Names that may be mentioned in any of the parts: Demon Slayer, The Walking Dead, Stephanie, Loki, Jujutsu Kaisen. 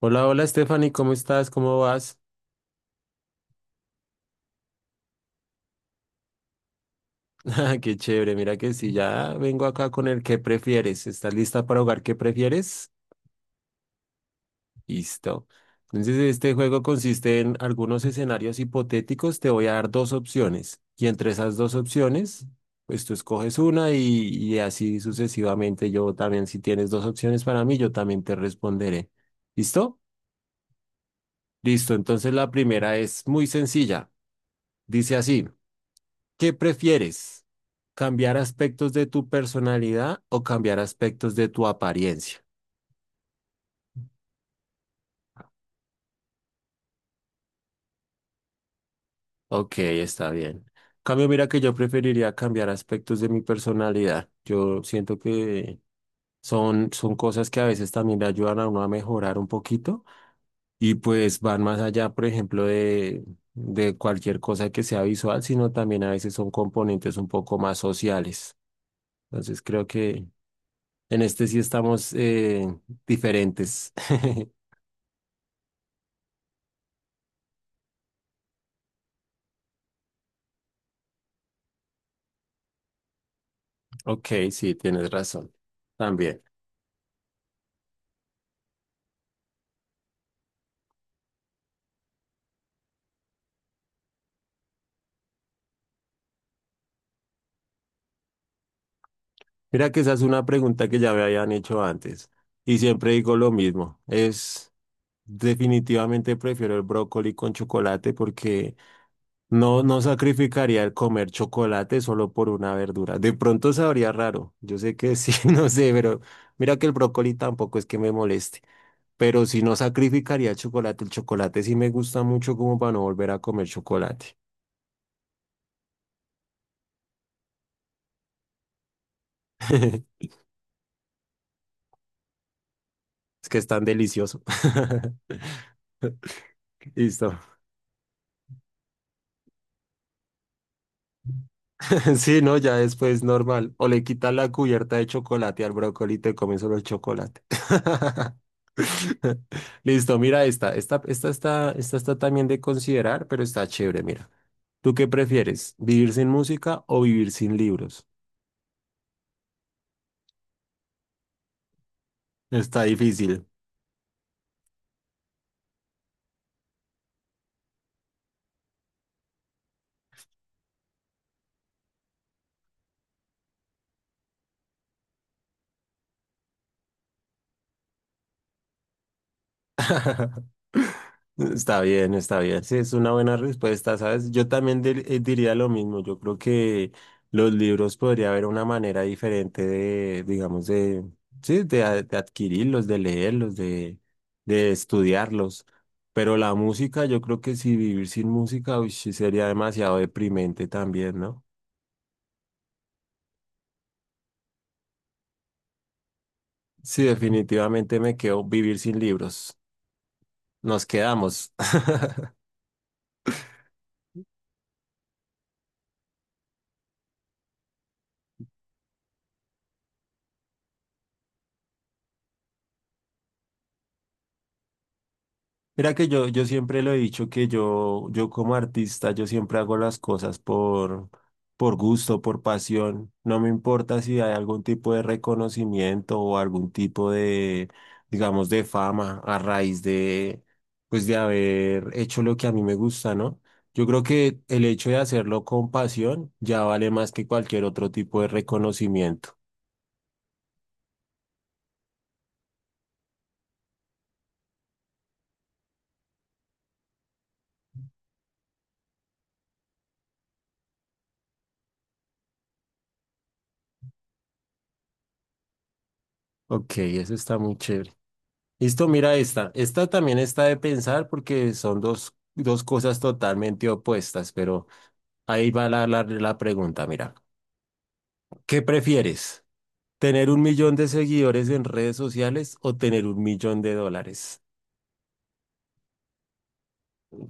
Hola, hola Stephanie, ¿cómo estás? ¿Cómo vas? Qué chévere, mira que sí ya vengo acá con el ¿qué prefieres? ¿Estás lista para jugar qué prefieres? Listo. Entonces, este juego consiste en algunos escenarios hipotéticos. Te voy a dar dos opciones y entre esas dos opciones, pues tú escoges una y así sucesivamente. Yo también, si tienes dos opciones para mí, yo también te responderé. ¿Listo? Listo. Entonces, la primera es muy sencilla. Dice así. ¿Qué prefieres? ¿Cambiar aspectos de tu personalidad o cambiar aspectos de tu apariencia? Ok, está bien. Cambio, mira que yo preferiría cambiar aspectos de mi personalidad. Yo siento que son cosas que a veces también le ayudan a uno a mejorar un poquito y pues van más allá, por ejemplo, de cualquier cosa que sea visual, sino también a veces son componentes un poco más sociales. Entonces creo que en este sí estamos diferentes. Ok, sí, tienes razón. También. Mira que esa es una pregunta que ya me habían hecho antes y siempre digo lo mismo. Es definitivamente prefiero el brócoli con chocolate porque no sacrificaría el comer chocolate solo por una verdura. De pronto sabría raro. Yo sé que sí, no sé, pero mira que el brócoli tampoco es que me moleste. Pero si no sacrificaría el chocolate sí me gusta mucho como para no volver a comer chocolate. Es que es tan delicioso. Listo. Sí, no, ya después normal. O le quitas la cubierta de chocolate al brócoli y te comes solo el chocolate. Listo, mira esta. Esta está también de considerar, pero está chévere, mira. ¿Tú qué prefieres? ¿Vivir sin música o vivir sin libros? Está difícil. Está bien, está bien. Sí, es una buena respuesta, ¿sabes? Yo también diría lo mismo. Yo creo que los libros podría haber una manera diferente digamos, sí, de adquirirlos, de leerlos, de estudiarlos. Pero la música, yo creo que si vivir sin música, uy, sí sería demasiado deprimente también, ¿no? Sí, definitivamente me quedo vivir sin libros. Nos quedamos. Mira que yo siempre lo he dicho que yo como artista, yo siempre hago las cosas por gusto, por pasión. No me importa si hay algún tipo de reconocimiento o algún tipo de, digamos, de fama a raíz de, pues de haber hecho lo que a mí me gusta, ¿no? Yo creo que el hecho de hacerlo con pasión ya vale más que cualquier otro tipo de reconocimiento. Ok, eso está muy chévere. Listo, mira esta. Esta también está de pensar porque son dos cosas totalmente opuestas, pero ahí va la pregunta, mira. ¿Qué prefieres? ¿Tener un millón de seguidores en redes sociales o tener un millón de dólares?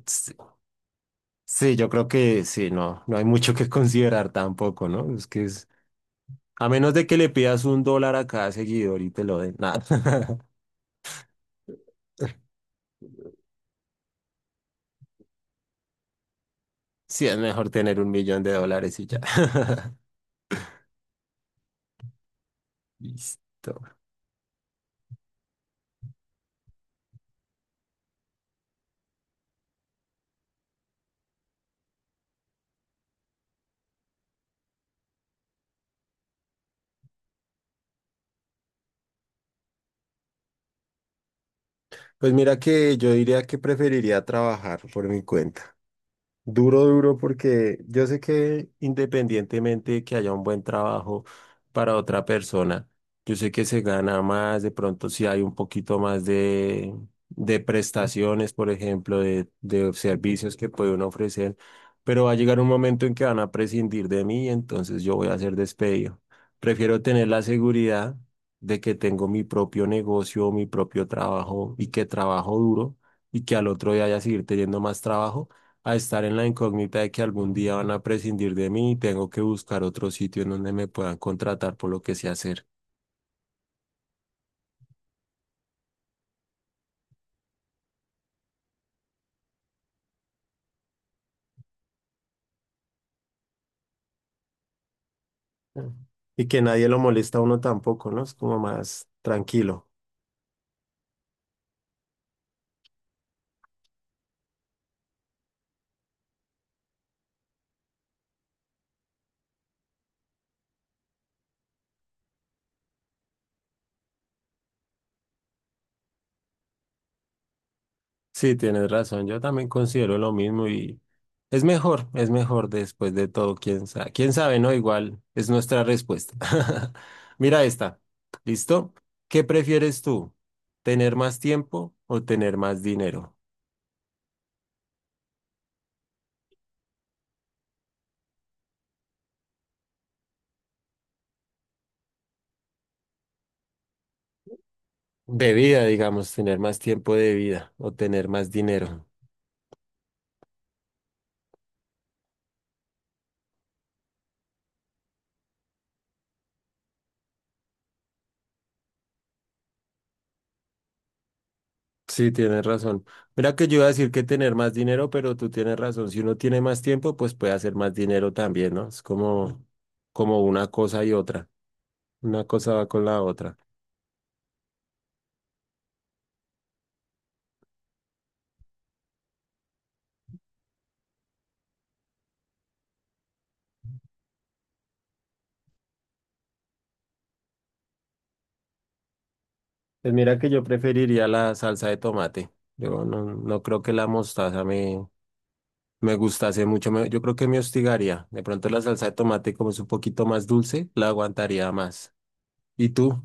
Sí, sí, yo creo que sí, no, no hay mucho que considerar tampoco, ¿no? Es que es, a menos de que le pidas un dólar a cada seguidor y te lo den, nada. Sí, es mejor tener un millón de dólares y ya. Listo. Pues mira que yo diría que preferiría trabajar por mi cuenta. Duro, duro, porque yo sé que independientemente de que haya un buen trabajo para otra persona, yo sé que se gana más, de pronto si hay un poquito más de prestaciones, por ejemplo, de servicios que puede uno ofrecer, pero va a llegar un momento en que van a prescindir de mí, entonces yo voy a ser despedido. Prefiero tener la seguridad de que tengo mi propio negocio, mi propio trabajo y que trabajo duro y que al otro día haya seguir teniendo más trabajo a estar en la incógnita de que algún día van a prescindir de mí y tengo que buscar otro sitio en donde me puedan contratar por lo que sé hacer. Mm. Y que nadie lo molesta a uno tampoco, ¿no? Es como más tranquilo. Sí, tienes razón, yo también considero lo mismo y es mejor después de todo, quién sabe, ¿no? Igual es nuestra respuesta. Mira esta, ¿listo? ¿Qué prefieres tú? ¿Tener más tiempo o tener más dinero? De vida, digamos, tener más tiempo de vida o tener más dinero. Sí, tienes razón. Mira que yo iba a decir que tener más dinero, pero tú tienes razón. Si uno tiene más tiempo, pues puede hacer más dinero también, ¿no? Es como, como una cosa y otra. Una cosa va con la otra. Pues mira que yo preferiría la salsa de tomate. Yo no, no creo que la mostaza me gustase mucho. Me- yo creo que me hostigaría. De pronto la salsa de tomate, como es un poquito más dulce, la aguantaría más. ¿Y tú?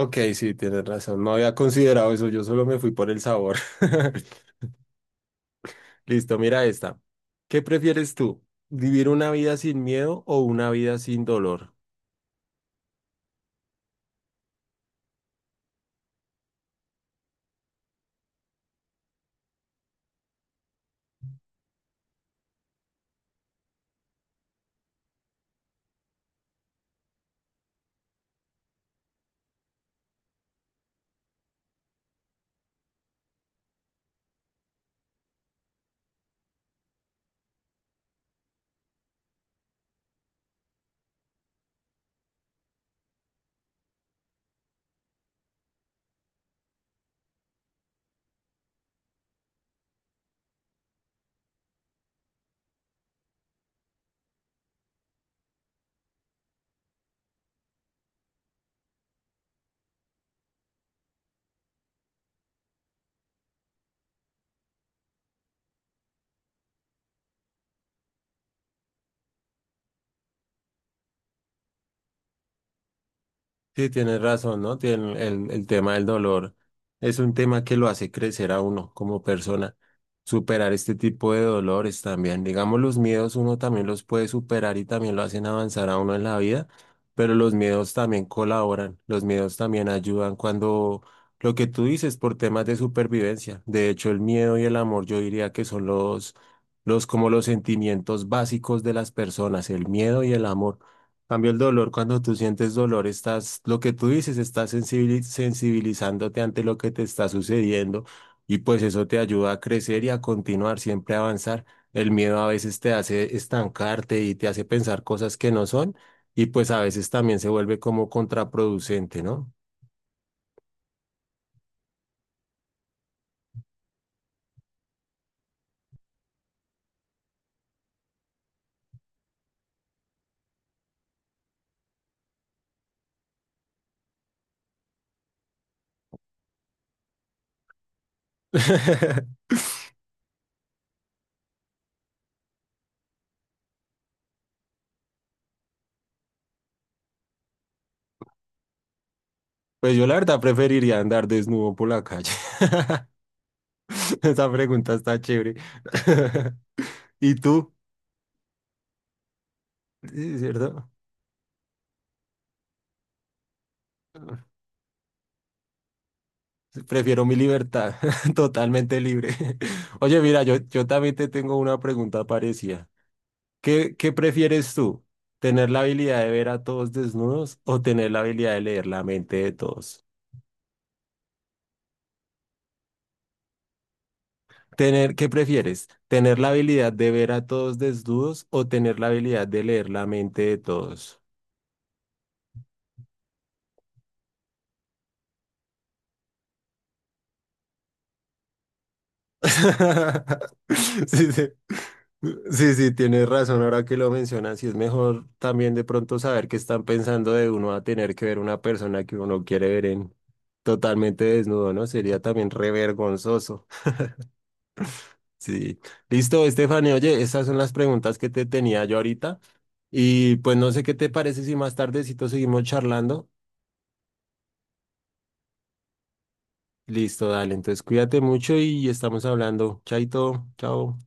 Ok, sí, tienes razón. No había considerado eso. Yo solo me fui por el sabor. Listo, mira esta. ¿Qué prefieres tú? ¿Vivir una vida sin miedo o una vida sin dolor? Sí, tienes razón, ¿no? Tiene el tema del dolor es un tema que lo hace crecer a uno como persona. Superar este tipo de dolores también. Digamos, los miedos uno también los puede superar y también lo hacen avanzar a uno en la vida, pero los miedos también colaboran, los miedos también ayudan cuando lo que tú dices por temas de supervivencia. De hecho, el miedo y el amor yo diría que son los como los sentimientos básicos de las personas, el miedo y el amor. Cambio el dolor, cuando tú sientes dolor, estás, lo que tú dices, estás sensibilizándote ante lo que te está sucediendo y pues eso te ayuda a crecer y a continuar, siempre a avanzar. El miedo a veces te hace estancarte y te hace pensar cosas que no son y pues a veces también se vuelve como contraproducente, ¿no? Pues yo la verdad preferiría andar desnudo por la calle. Esa pregunta está chévere. ¿Y tú? Sí, ¿cierto? Prefiero mi libertad, totalmente libre. Oye, mira, yo también te tengo una pregunta parecida. Qué prefieres tú? ¿Tener la habilidad de ver a todos desnudos o tener la habilidad de leer la mente de todos? Tener, ¿qué prefieres? ¿Tener la habilidad de ver a todos desnudos o tener la habilidad de leer la mente de todos? Sí, sí. Sí, sí, tienes razón. Ahora que lo mencionas, y es mejor también de pronto saber qué están pensando de uno a tener que ver una persona que uno quiere ver en totalmente desnudo, ¿no? Sería también re vergonzoso. Sí. Listo, Estefany. Oye, esas son las preguntas que te tenía yo ahorita. Y pues no sé qué te parece si más tardecito seguimos charlando. Listo, dale. Entonces cuídate mucho y estamos hablando. Chaito, chao.